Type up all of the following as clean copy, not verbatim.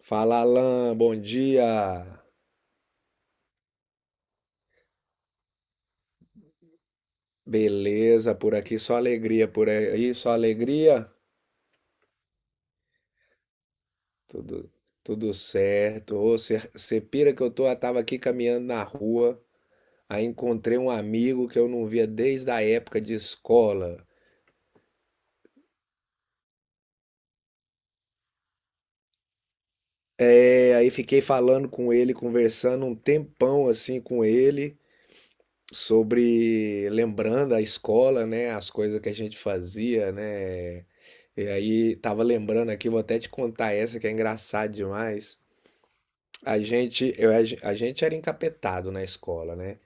Fala, Alan, bom dia. Beleza, por aqui só alegria, por aí só alegria. Tudo, tudo certo. Ô, você pira que eu tava aqui caminhando na rua, aí encontrei um amigo que eu não via desde a época de escola. É, aí fiquei falando com ele, conversando um tempão assim com ele sobre lembrando a escola, né, as coisas que a gente fazia, né. E aí, tava lembrando aqui, vou até te contar essa que é engraçada demais. A gente, eu, a gente era encapetado na escola, né?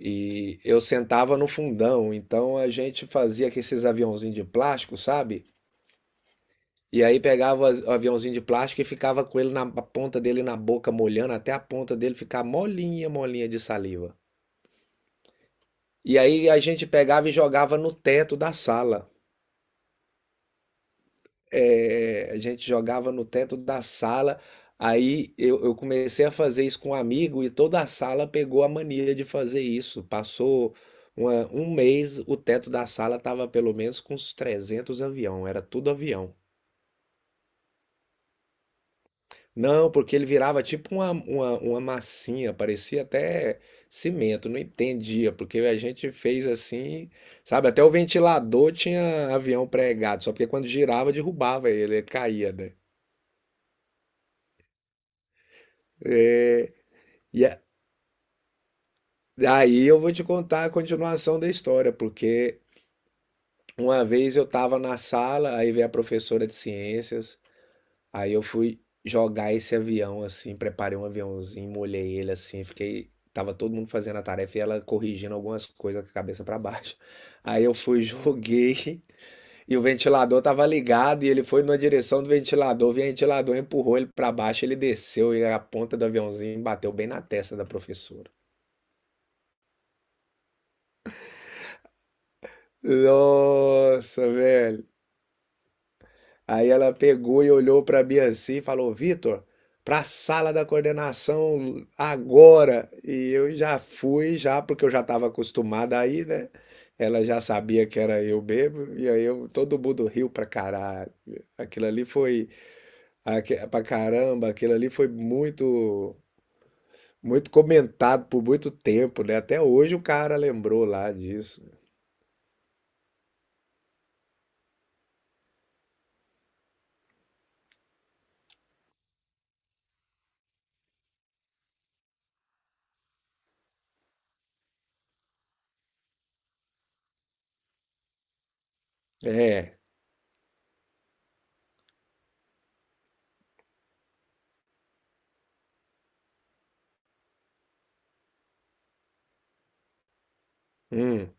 E eu sentava no fundão, então a gente fazia com esses aviãozinhos de plástico, sabe? E aí pegava o aviãozinho de plástico e ficava com ele na a ponta dele na boca, molhando até a ponta dele ficar molinha, molinha de saliva. E aí a gente pegava e jogava no teto da sala. É, a gente jogava no teto da sala. Aí eu comecei a fazer isso com um amigo e toda a sala pegou a mania de fazer isso. Passou um mês, o teto da sala tava pelo menos com uns 300 avião, era tudo avião. Não, porque ele virava tipo uma massinha, parecia até cimento, não entendia, porque a gente fez assim, sabe? Até o ventilador tinha avião pregado, só porque quando girava derrubava ele, ele caía, né? E, Daí eu vou te contar a continuação da história, porque uma vez eu estava na sala, aí veio a professora de ciências, aí eu fui jogar esse avião assim, preparei um aviãozinho, molhei ele assim, fiquei, tava todo mundo fazendo a tarefa e ela corrigindo algumas coisas com a cabeça para baixo. Aí eu fui, joguei e o ventilador tava ligado e ele foi na direção do ventilador, o ventilador empurrou ele para baixo, ele desceu e a ponta do aviãozinho bateu bem na testa da professora. Nossa, velho. Aí ela pegou e olhou para mim assim e falou: Vitor, para a sala da coordenação agora. E eu já fui, já, porque eu já estava acostumada aí, né? Ela já sabia que era eu mesmo, e aí eu, todo mundo riu pra caralho. Aquilo ali foi, pra caramba, aquilo ali foi muito, muito comentado por muito tempo, né? Até hoje o cara lembrou lá disso. É, hum,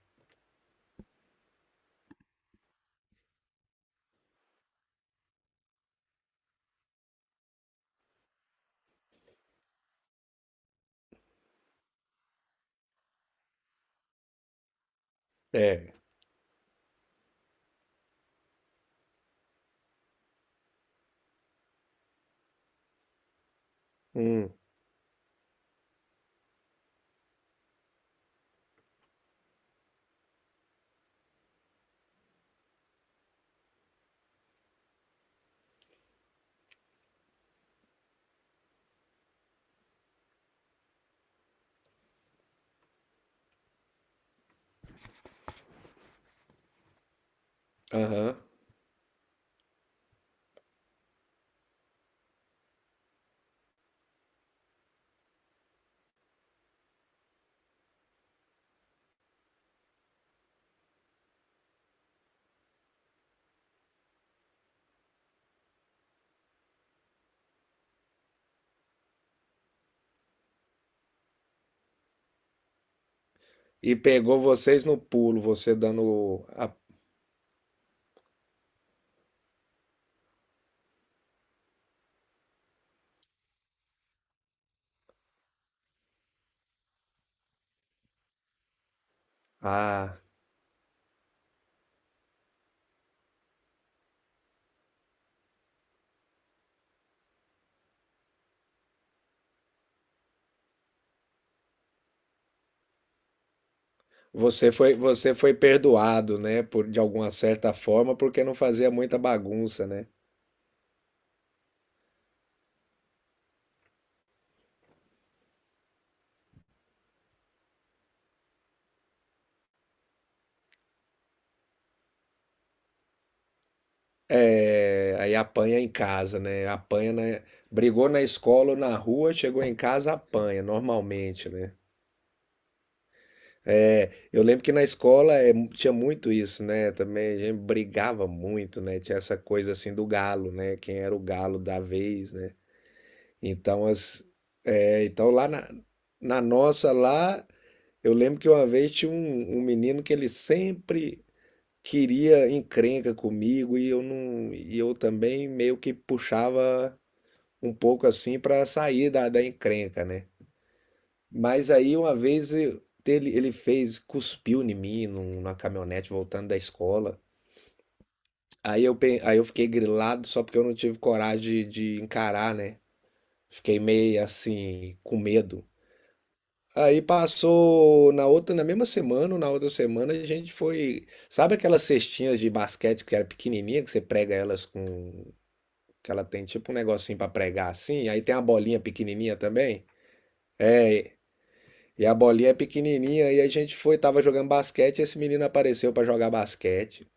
é, hum, aham. E pegou vocês no pulo, você dando a- você foi perdoado, né, por de alguma certa forma, porque não fazia muita bagunça, né? É, aí apanha em casa, né? Apanha na, brigou na escola ou na rua, chegou em casa, apanha, normalmente, né? Eu lembro que na escola é, tinha muito isso, né? Também a gente brigava muito, né? Tinha essa coisa assim do galo, né? Quem era o galo da vez, né? Então, é, então lá na, na nossa lá. Eu lembro que uma vez tinha um menino que ele sempre queria encrenca comigo e eu não, e eu também meio que puxava um pouco assim para sair da encrenca, né? Mas aí uma vez ele fez, cuspiu em mim numa caminhonete voltando da escola. Aí eu fiquei grilado só porque eu não tive coragem de encarar, né? Fiquei meio assim, com medo. Aí passou na outra, na mesma semana, ou na outra semana, a gente foi. Sabe aquelas cestinhas de basquete que era pequenininha, que você prega elas com. Que ela tem tipo um negocinho pra pregar assim, aí tem a bolinha pequenininha também. E a bolinha é pequenininha, e a gente foi, tava jogando basquete, e esse menino apareceu pra jogar basquete,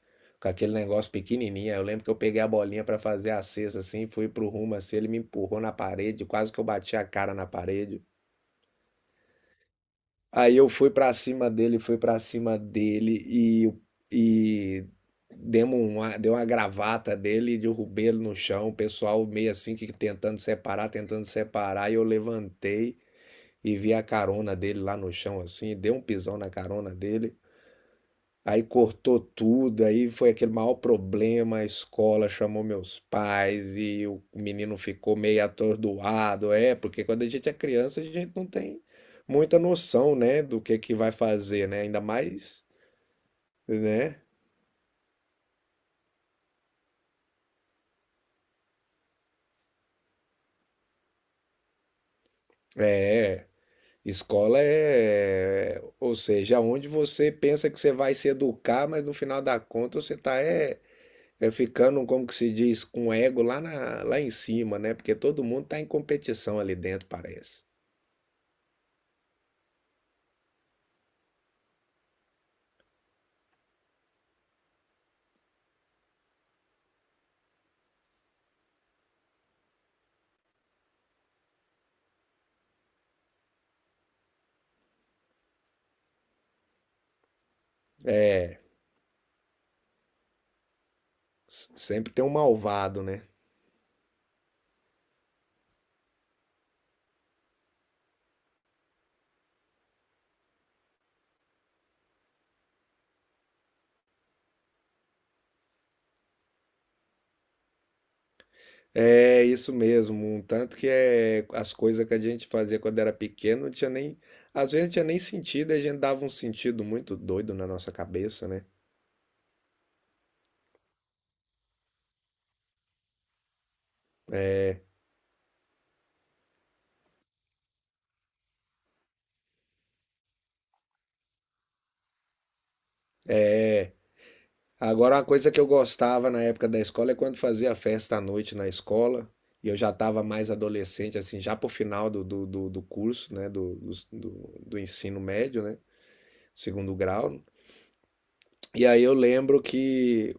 com aquele negócio pequenininho. Aí eu lembro que eu peguei a bolinha pra fazer a cesta assim, fui pro rumo assim, ele me empurrou na parede, quase que eu bati a cara na parede. Aí eu fui pra cima dele, fui pra cima dele e demos uma, deu uma gravata dele e derrubei ele no chão. O pessoal meio assim que tentando separar, tentando separar. E eu levantei e vi a carona dele lá no chão assim, dei um pisão na carona dele. Aí cortou tudo, aí foi aquele maior problema, a escola chamou meus pais e o menino ficou meio atordoado, é, porque quando a gente é criança, a gente não tem muita noção, né, do que vai fazer, né? Ainda mais, né? É, escola é, ou seja, onde você pensa que você vai se educar, mas no final da conta você tá é ficando, como que se diz, com o ego lá em cima, né? Porque todo mundo tá em competição ali dentro, parece. Sempre tem um malvado, né? É isso mesmo. Um tanto que é as coisas que a gente fazia quando era pequeno, não tinha nem. Às vezes não tinha nem sentido, e a gente dava um sentido muito doido na nossa cabeça, né? Agora, uma coisa que eu gostava na época da escola é quando fazia festa à noite na escola, e eu já estava mais adolescente, assim, já pro final do curso, né? Do ensino médio, né? Segundo grau. E aí eu lembro que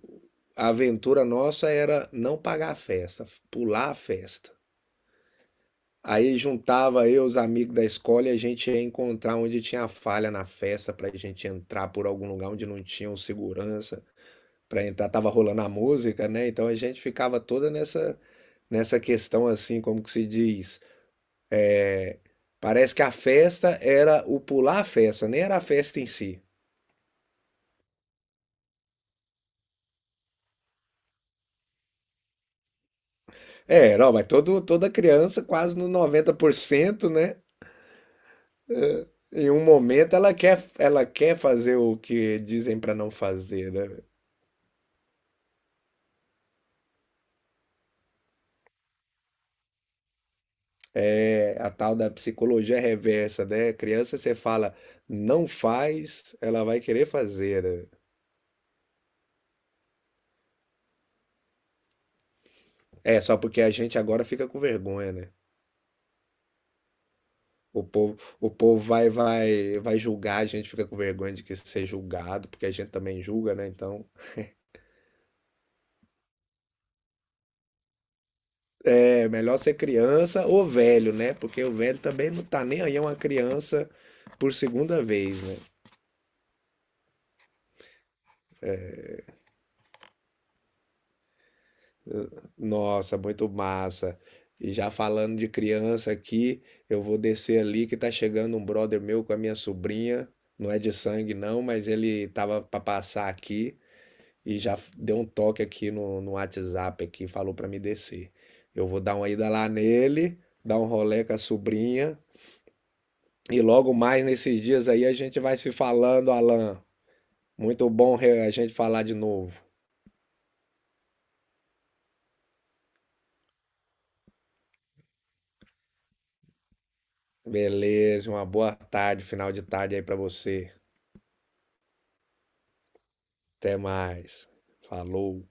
a aventura nossa era não pagar a festa, pular a festa. Aí juntava eu, os amigos da escola, e a gente ia encontrar onde tinha falha na festa para a gente entrar por algum lugar onde não tinha um segurança para entrar. Tava rolando a música, né? Então a gente ficava toda nessa questão assim, como que se diz? Parece que a festa era o pular a festa, nem era a festa em si. É, não, mas todo, toda criança, quase no 90%, né? Em um momento ela quer fazer o que dizem para não fazer, né? É a tal da psicologia reversa, né? Criança você fala, não faz, ela vai querer fazer, né? É, só porque a gente agora fica com vergonha, né? O povo vai, julgar, a gente fica com vergonha de que ser julgado, porque a gente também julga, né? Então, é melhor ser criança ou velho, né? Porque o velho também não tá nem aí, é uma criança por segunda vez, né? Nossa, muito massa. E já falando de criança aqui, eu vou descer ali que tá chegando um brother meu com a minha sobrinha. Não é de sangue não, mas ele tava para passar aqui e já deu um toque aqui no, no WhatsApp aqui, falou para me descer. Eu vou dar uma ida lá nele, dar um rolê com a sobrinha e logo mais nesses dias aí a gente vai se falando, Alan. Muito bom a gente falar de novo. Beleza, uma boa tarde, final de tarde aí para você. Até mais. Falou.